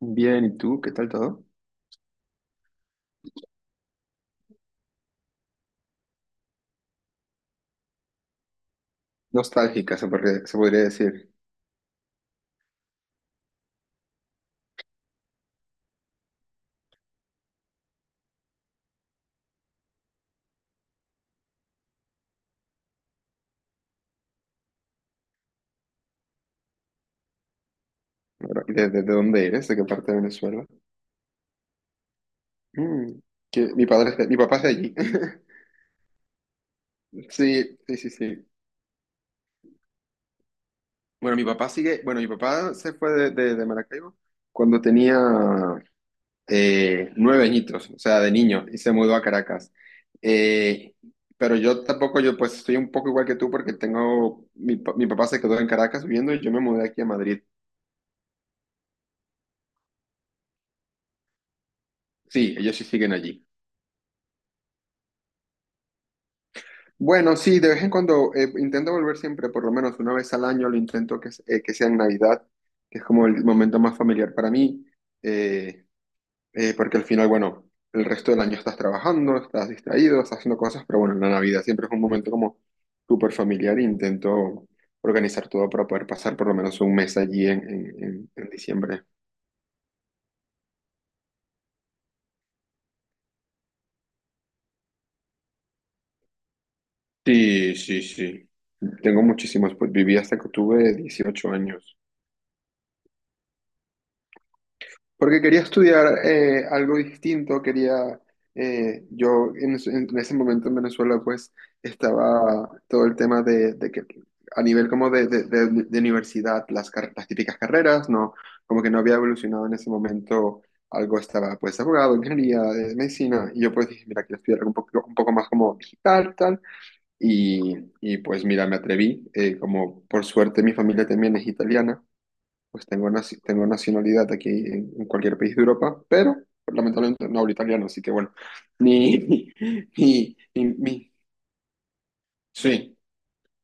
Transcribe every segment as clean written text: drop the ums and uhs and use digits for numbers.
Bien, ¿y tú? ¿Qué tal todo? Nostálgica, se podría decir. ¿Verdad? ¿De dónde eres? ¿De qué parte de Venezuela? Mm, que mi padre es de- Mi papá es de allí. Sí, sí, sí, sí. Bueno, bueno, mi papá se fue de Maracaibo cuando tenía 9 añitos, o sea, de niño, y se mudó a Caracas. Eh, pero yo tampoco, yo pues estoy un poco igual que tú porque mi papá se quedó en Caracas viviendo y yo me mudé aquí a Madrid. Sí, ellos sí siguen allí. Bueno, sí, de vez en cuando intento volver siempre, por lo menos una vez al año, lo intento que sea en Navidad, que es como el momento más familiar para mí, eh, porque al final, bueno, el resto del año estás trabajando, estás distraído, estás haciendo cosas, pero bueno, en la Navidad siempre es un momento como súper familiar e intento organizar todo para poder pasar por lo menos un mes allí en diciembre. Sí, sí, sí. Tengo muchísimos, pues viví hasta que tuve 18 años. Porque quería estudiar algo distinto, quería, yo en, es- en ese momento en Venezuela pues estaba todo el tema de que a nivel como de universidad, las típicas carreras, no, como que no había evolucionado en ese momento, algo estaba pues abogado, ingeniería, medicina, y yo pues dije, mira, quiero estudiar algo un poco más como digital, tal, y pues mira, me atreví, como por suerte mi familia también es italiana pues tengo nacionalidad aquí en cualquier país de Europa, pero lamentablemente no hablo italiano, así que bueno, ni, ni- ni- sí,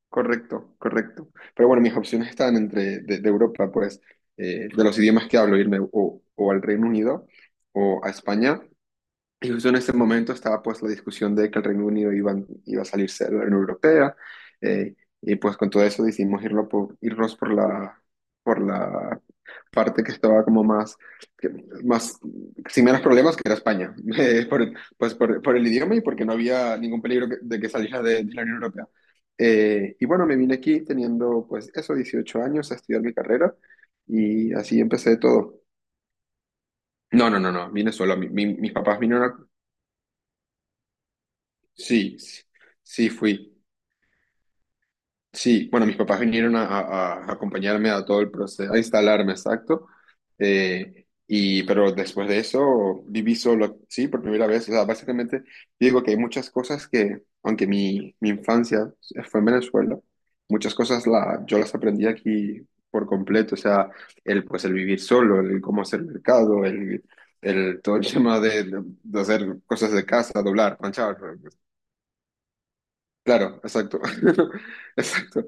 correcto, correcto. Pero bueno, mis opciones están entre de Europa, pues, de los idiomas que hablo, irme o al Reino Unido o a España y justo en este momento estaba pues la discusión de que el Reino Unido iba a salirse de la Unión Europea, eh, y pues con todo eso decidimos irnos por la parte que estaba como que- más sin menos problemas que era España, pues por el idioma y porque no había ningún peligro de que saliera de la Unión Europea. Y bueno, me vine aquí teniendo pues eso, 18 años a estudiar mi carrera y así empecé todo. No, no, no, no, vine solo. Mis papás vinieron. Sí, sí, sí fui. Sí, bueno, mis papás vinieron a acompañarme a todo el proceso, a instalarme, exacto. Pero después de eso viví solo, sí, por primera vez. O sea, básicamente digo que hay muchas cosas que, aunque mi infancia fue en Venezuela, muchas cosas yo las aprendí aquí por completo. O sea, pues, el vivir solo, el cómo hacer mercado, todo el tema de hacer cosas de casa, doblar, planchar. Claro, exacto. Exacto,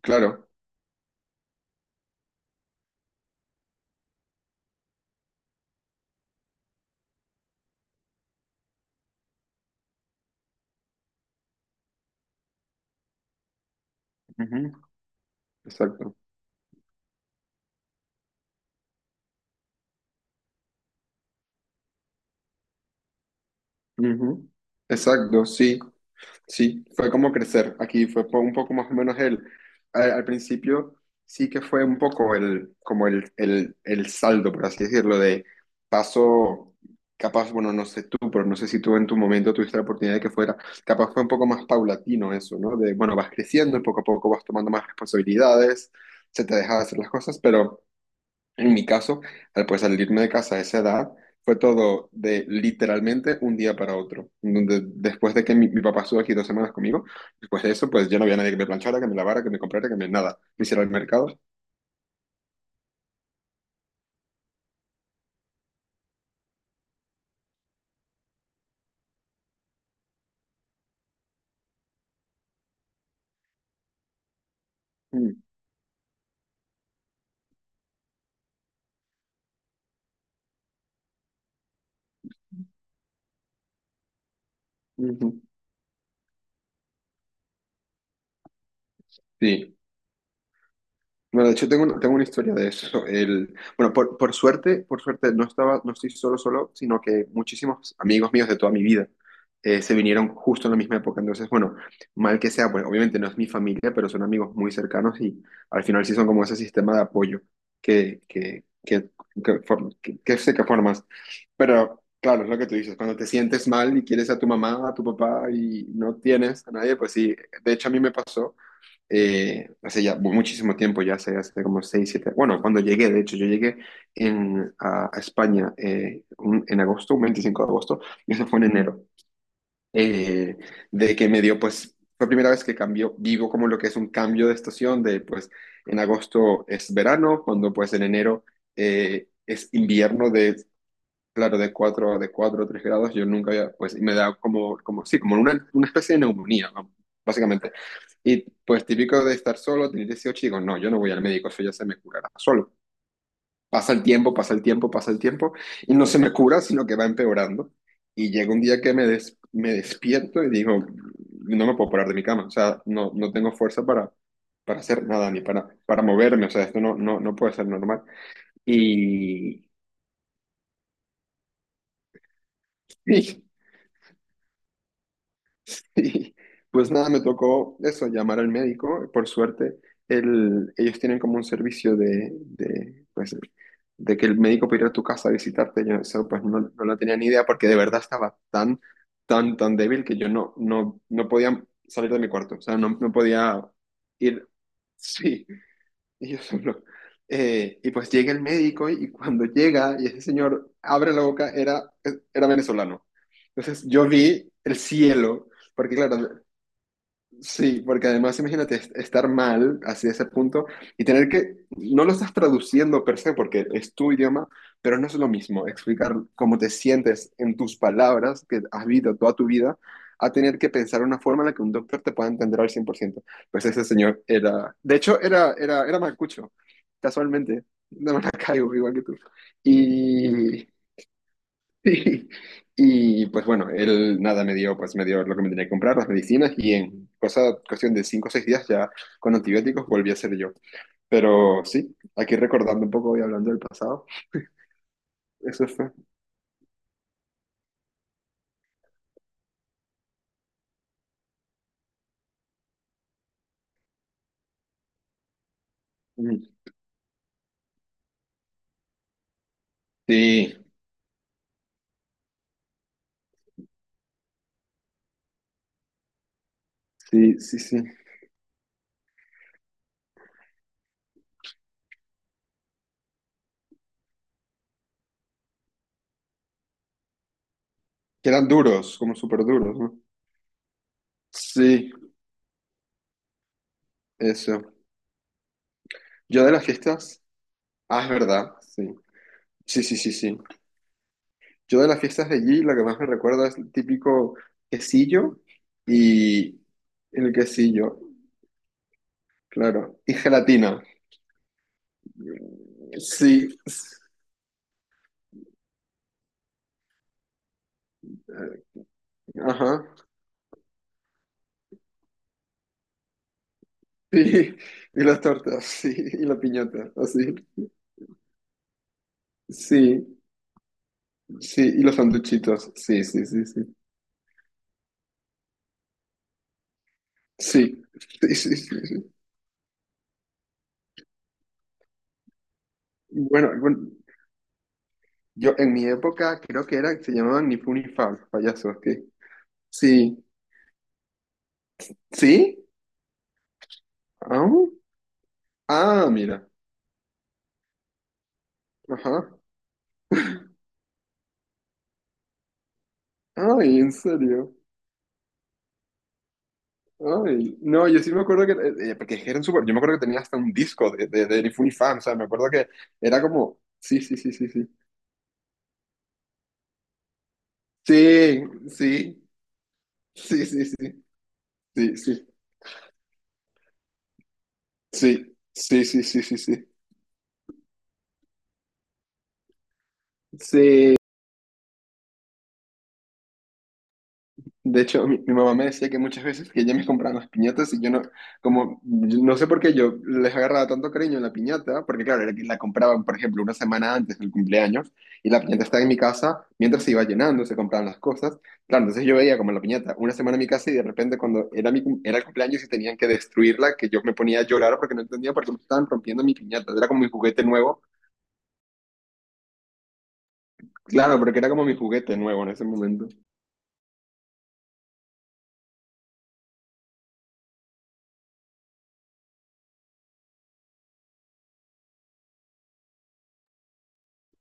claro. Ujú. Exacto. Ujú. Exacto, sí, sí. Fue como crecer. Aquí fue un poco más o menos el. Al principio sí que fue un poco el, como el saldo, por así decirlo, de paso, capaz, bueno, no sé tú, pero no sé si tú en tu momento tuviste la oportunidad de que fuera. Capaz fue un poco más paulatino eso, ¿no? Bueno, vas creciendo, poco a poco vas tomando más responsabilidades, se te deja de hacer las cosas, pero. En mi caso, al pues salirme de casa a esa edad, fue todo de literalmente un día para otro. Donde después de que mi papá estuvo aquí 2 semanas conmigo, después de eso, pues ya no había nadie que me planchara, que me lavara, que me comprara, que me nada. Me hiciera el mercado. Mm, ujú. Sí. Bueno, de hecho tengo una historia de eso. Bueno, por suerte no estaba, no estoy solo solo, sino que muchísimos amigos míos de toda mi vida se vinieron justo en la misma época. Entonces, bueno, mal que sea, pues obviamente no es mi familia, pero son amigos muy cercanos y al final sí son como ese sistema de apoyo que, que, que, que sé que formas. Pero claro, es lo que tú dices, cuando te sientes mal y quieres a tu mamá, a tu papá y no tienes a nadie, pues sí, de hecho a mí me pasó hace ya muchísimo tiempo, ya hace como 6 7 bueno, cuando llegué, de hecho, yo llegué a España en agosto, un 25 de agosto, y eso fue en enero, eh, de que me dio, pues, fue la primera vez que cambió, vivo como lo que es un cambio de estación, de pues, en agosto es verano, cuando pues en enero es invierno de. Claro, de cuatro o 3 grados, yo nunca había, pues, y me da como una especie de neumonía, vamos, básicamente. Y pues típico de estar solo, tener 18, y digo, no, yo no voy al médico, eso ya se me curará solo. Pasa el tiempo, pasa el tiempo, pasa el tiempo, y no se me cura, sino que va empeorando. Y llega un día que me despierto y digo, no me puedo parar de mi cama, o sea, no, no tengo fuerza para, hacer nada, ni para moverme, o sea, esto no puede ser normal. Y, Y pues nada, me tocó eso, llamar al médico. Por suerte, ellos tienen como un servicio de, pues, de que el médico puede ir a tu casa a visitarte. Yo eso pues no lo tenía ni idea porque de verdad estaba tan, tan, tan débil que yo no podía salir de mi cuarto. O sea, no podía ir. Sí, y yo solo. Y pues llega el médico y cuando llega y ese señor abre la boca, era venezolano. Entonces yo vi el cielo, porque claro, sí, porque además imagínate estar mal así de ese punto y tener que, no lo estás traduciendo per se porque es tu idioma, pero no es lo mismo explicar cómo te sientes en tus palabras que has vivido toda tu vida a tener que pensar una forma en la que un doctor te pueda entender al 100%. Pues ese señor de hecho era malcucho, casualmente, de Maracaibo, igual que tú. Mm. Y, Sí. Y pues bueno, él nada me dio, pues me dio lo que me tenía que comprar, las medicinas, y cuestión de 5 o 6 días ya con antibióticos volví a ser yo. Pero sí, aquí recordando un poco y hablando del pasado, eso fue. Mm. Sí, sí, sí, sí. Que eran duros, como súper duros, ¿no? Sí, eso. Yo de las fiestas, ah, es verdad, sí. Sí, sí, sí, sí. Yo de las fiestas de allí, lo que más me recuerda es el típico quesillo y el quesillo. Claro. Y gelatina. Sí. Ajá. Sí. Y las tortas, sí. Y la piñata, así. Sí. Sí. Y los sanduchitos. Sí, sí, sí, sí. Sí. Sí, sí, sí, sí. Bueno, bueno, yo en mi época creo que se llamaban ni fu ni fa, los payasos, ¿qué? Sí. ¿Sí? Ah, ah, mira. Ajá. Ay, en serio. Ay, no, yo sí me acuerdo que, porque eran súper, yo me acuerdo que tenía hasta un disco de Funny Fan, o sea, me acuerdo que era como, sí, sí, sí, sí, sí, sí, sí, sí, sí, sí, sí, sí, sí, sí, sí, sí, sí, sí, sí, sí. De hecho, mi mamá me decía que muchas veces que ella me compraba las piñatas y yo no, como, yo no sé por qué yo les agarraba tanto cariño a la piñata, porque claro, era que la compraban, por ejemplo, una semana antes del cumpleaños y la piñata estaba en mi casa mientras se iba llenando, se compraban las cosas. Claro, entonces yo veía como la piñata una semana en mi casa y de repente cuando era el cumpleaños y tenían que destruirla, que yo me ponía a llorar porque no entendía por qué me estaban rompiendo mi piñata. Era como mi juguete nuevo. Claro, porque era como mi juguete nuevo en ese momento.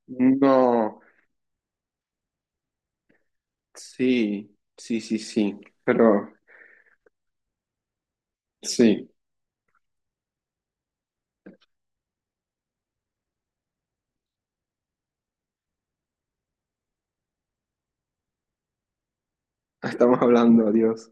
No, sí, sí, sí, sí, pero. Sí, estamos hablando, adiós.